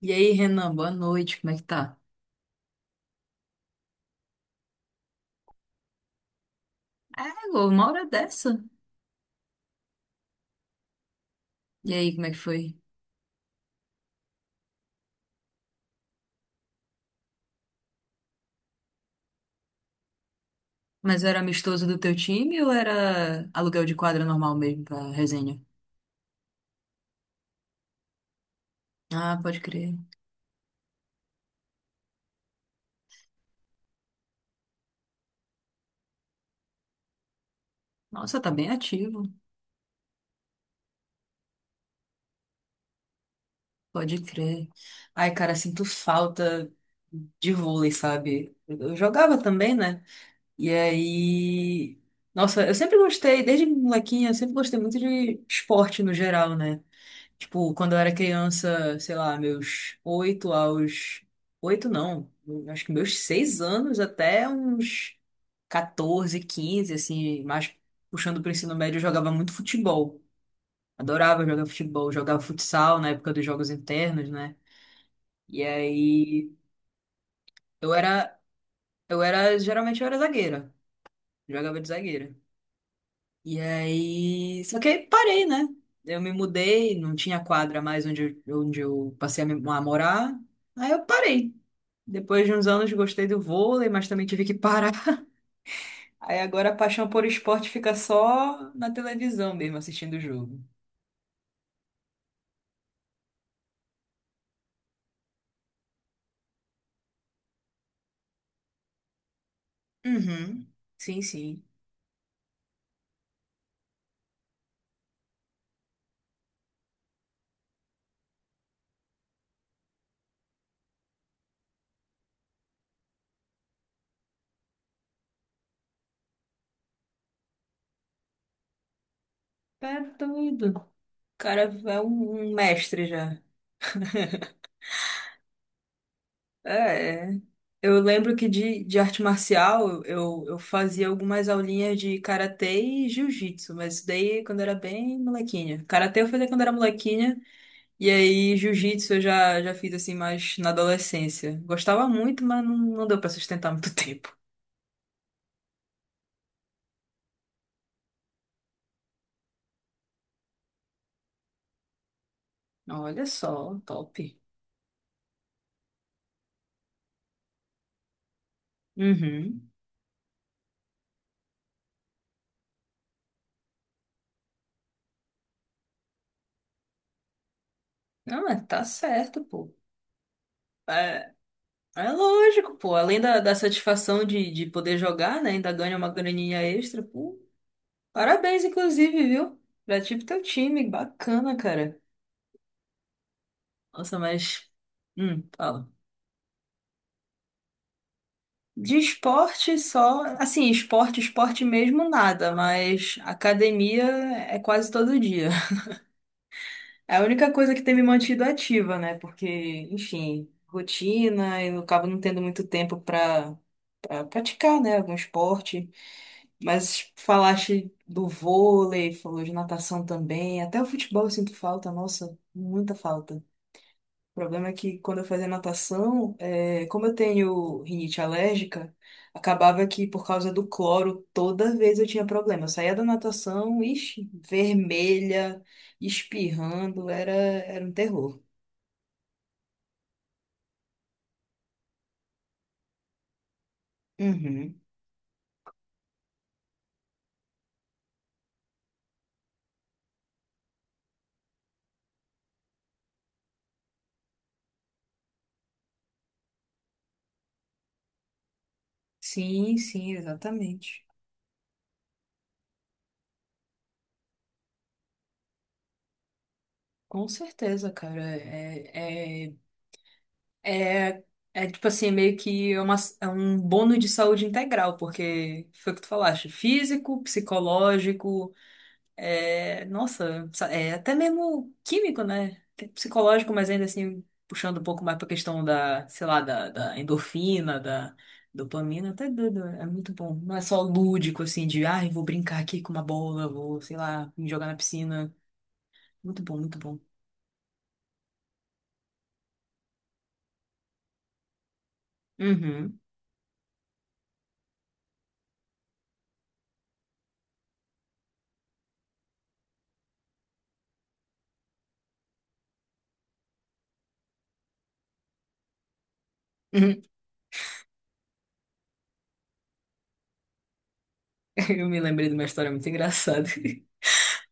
E aí, Renan, boa noite, como é que tá? É, Lô, uma hora dessa. E aí, como é que foi? Mas era amistoso do teu time ou era aluguel de quadra normal mesmo pra resenha? Ah, pode crer. Nossa, tá bem ativo. Pode crer. Ai, cara, sinto falta de vôlei, sabe? Eu jogava também, né? E aí. Nossa, eu sempre gostei, desde molequinha, eu sempre gostei muito de esporte no geral, né? Tipo, quando eu era criança, sei lá, meus oito aos. Oito não, acho que meus seis anos até uns 14, 15 assim, mais puxando pro ensino médio, eu jogava muito futebol. Adorava jogar futebol, jogava futsal na época dos jogos internos, né? E aí eu era, geralmente eu era zagueira, jogava de zagueira. E aí. Só que aí parei, né? Eu me mudei, não tinha quadra mais onde, onde eu passei a morar. Aí eu parei. Depois de uns anos gostei do vôlei, mas também tive que parar. Aí agora a paixão por esporte fica só na televisão mesmo, assistindo o jogo. Uhum. Sim, sim. Tá doido. O cara é um mestre já. É, é. Eu lembro que de arte marcial eu fazia algumas aulinhas de karatê e jiu-jitsu, mas isso daí quando era bem molequinha. Karatê eu fazia quando era molequinha, e aí jiu-jitsu já fiz assim mais na adolescência. Gostava muito, mas não, não deu pra sustentar muito tempo. Olha só, top. Uhum. Não, mas tá certo, pô. É, é lógico, pô. Além da satisfação de poder jogar, né? Ainda ganha uma graninha extra, pô. Parabéns, inclusive, viu? Já tive teu time, bacana, cara. Nossa, mas. Fala. De esporte só. Assim, esporte, esporte mesmo, nada, mas academia é quase todo dia. É a única coisa que tem me mantido ativa, né? Porque, enfim, rotina e eu acabo não tendo muito tempo pra praticar, né? Algum esporte. Mas falaste do vôlei, falou de natação também, até o futebol eu sinto falta, nossa, muita falta. O problema é que quando eu fazia natação, como eu tenho rinite alérgica, acabava que por causa do cloro, toda vez eu tinha problema. Eu saía da natação, ixi, vermelha, espirrando, era um terror. Uhum. Sim, sim, exatamente. Com certeza, cara. É, é, é tipo assim, é meio que é uma, é um bônus de saúde integral, porque foi o que tu falaste, físico, psicológico. É, nossa, é até mesmo químico, né? Tem psicológico, mas ainda assim, puxando um pouco mais pra questão da, sei lá, da endorfina, da dopamina, até doido, é muito bom. Não é só lúdico, assim, de, ai, vou brincar aqui com uma bola, vou, sei lá, me jogar na piscina. Muito bom, muito bom. Uhum. Uhum. Eu me lembrei de uma história muito engraçada.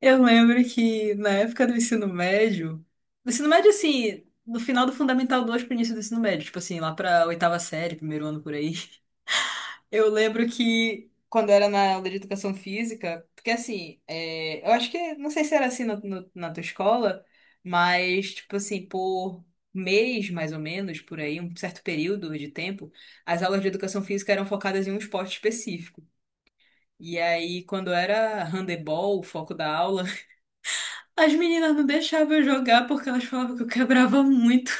Eu lembro que na época do ensino médio, assim, no final do Fundamental 2 pro início do ensino médio, tipo assim, lá pra oitava série, primeiro ano por aí. Eu lembro que quando eu era na aula de educação física, porque assim, eu acho que, não sei se era assim na tua escola, mas tipo assim, por mês mais ou menos, por aí, um certo período de tempo, as aulas de educação física eram focadas em um esporte específico. E aí, quando era handebol, o foco da aula, as meninas não deixavam eu jogar porque elas falavam que eu quebrava muito.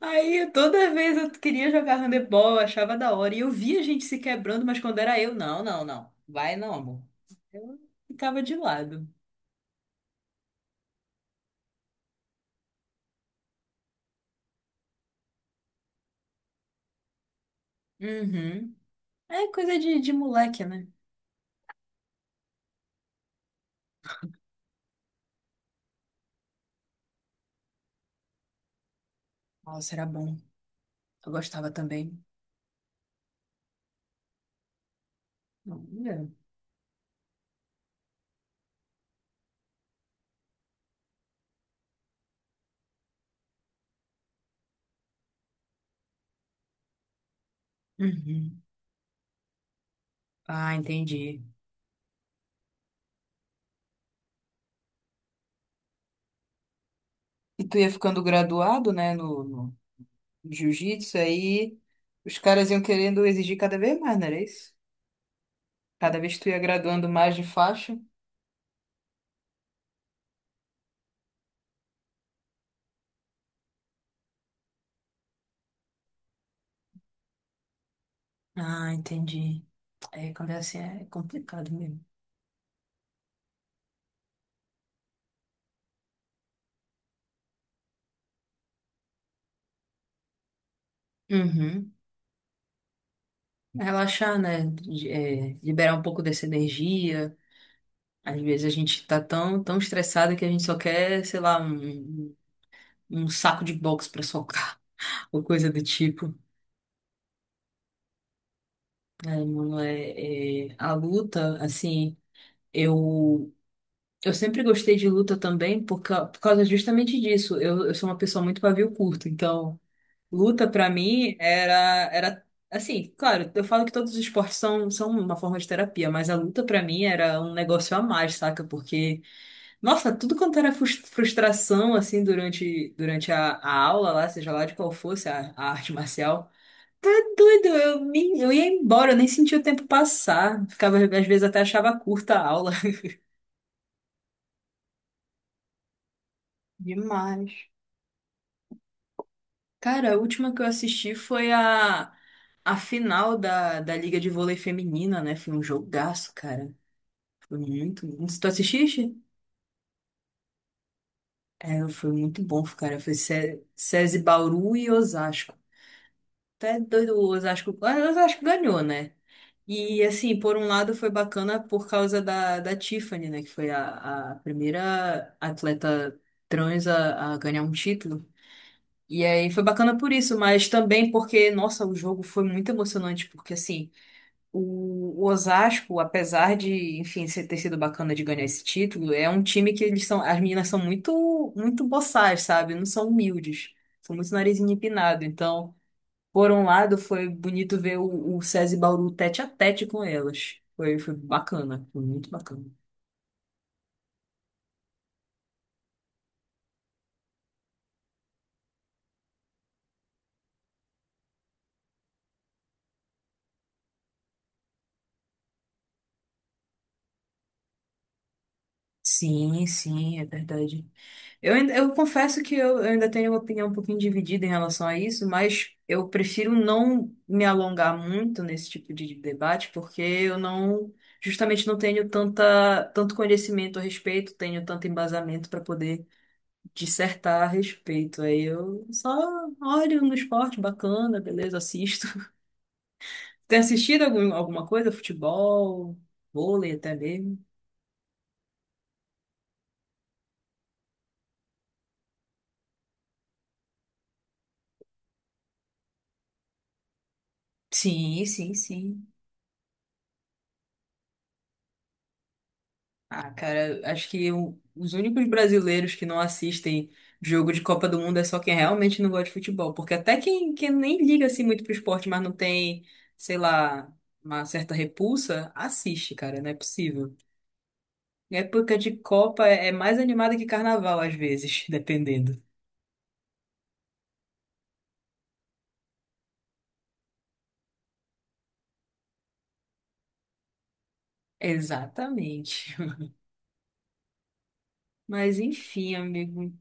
Aí toda vez eu queria jogar handebol, eu achava da hora. E eu via a gente se quebrando, mas quando era eu, não, não, não. Vai não, amor. Eu ficava de lado. Uhum. É coisa de moleque, né? Nossa, era bom. Eu gostava também. Olha. Uhum. Ah, entendi. E tu ia ficando graduado, né, no jiu-jitsu, aí os caras iam querendo exigir cada vez mais, não era isso? Cada vez que tu ia graduando mais de faixa. Ah, entendi. É, quando é assim é complicado mesmo. Uhum. Relaxar, né? Liberar um pouco dessa energia. Às vezes a gente tá tão, tão estressado que a gente só quer, sei lá, um saco de boxe pra socar, ou coisa do tipo. Aí, mano, a luta, assim, eu, eu sempre gostei de luta também por causa justamente disso. Eu sou uma pessoa muito pavio curto, então. Luta pra mim era assim, claro, eu falo que todos os esportes são uma forma de terapia, mas a luta pra mim era um negócio a mais, saca? Porque nossa, tudo quanto era frustração assim durante a aula lá, seja lá de qual fosse a arte marcial, tá doido, eu ia embora, eu nem sentia o tempo passar, ficava às vezes até achava curta a aula. Demais. Cara, a última que eu assisti foi a final da Liga de Vôlei Feminina, né? Foi um jogaço, cara. Foi muito bom. Tu assististe? É, foi muito bom, cara. Foi SESI Bauru e Osasco. Até doido, o Osasco, ah, o Osasco ganhou, né? E, assim, por um lado foi bacana por causa da Tiffany, né? Que foi a primeira atleta trans a ganhar um título. E aí foi bacana por isso, mas também porque, nossa, o jogo foi muito emocionante, porque, assim. O o Osasco, apesar de, enfim, ter sido bacana de ganhar esse título, é um time que eles são, as meninas são muito, muito boçais, sabe? Não são humildes, são muito narizinho empinado. Então, por um lado, foi bonito ver o SESI Bauru tete a tete com elas. Foi, foi bacana, foi muito bacana. Sim, sim, é verdade. Eu confesso que eu ainda tenho uma opinião um pouquinho dividida em relação a isso, mas eu prefiro não me alongar muito nesse tipo de debate, porque eu não, justamente não tenho tanta, tanto conhecimento a respeito, tenho tanto embasamento para poder dissertar a respeito. Aí eu só olho no esporte, bacana, beleza, assisto. Tem assistido algum, alguma coisa? Futebol, vôlei até mesmo? Sim, sim, sim. Ah, cara, acho que os únicos brasileiros que não assistem jogo de Copa do Mundo é só quem realmente não gosta de futebol. Porque até quem, quem nem liga assim muito pro esporte, mas não tem, sei lá, uma certa repulsa, assiste, cara, não é possível. Época de Copa é mais animada que carnaval, às vezes, dependendo. Exatamente. Mas enfim, amigo,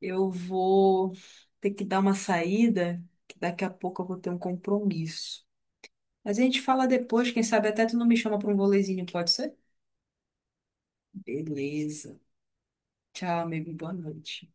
eu vou ter que dar uma saída, que daqui a pouco eu vou ter um compromisso. Mas a gente fala depois, quem sabe até tu não me chama para um volezinho, pode ser? Beleza. Tchau, amigo. Boa noite.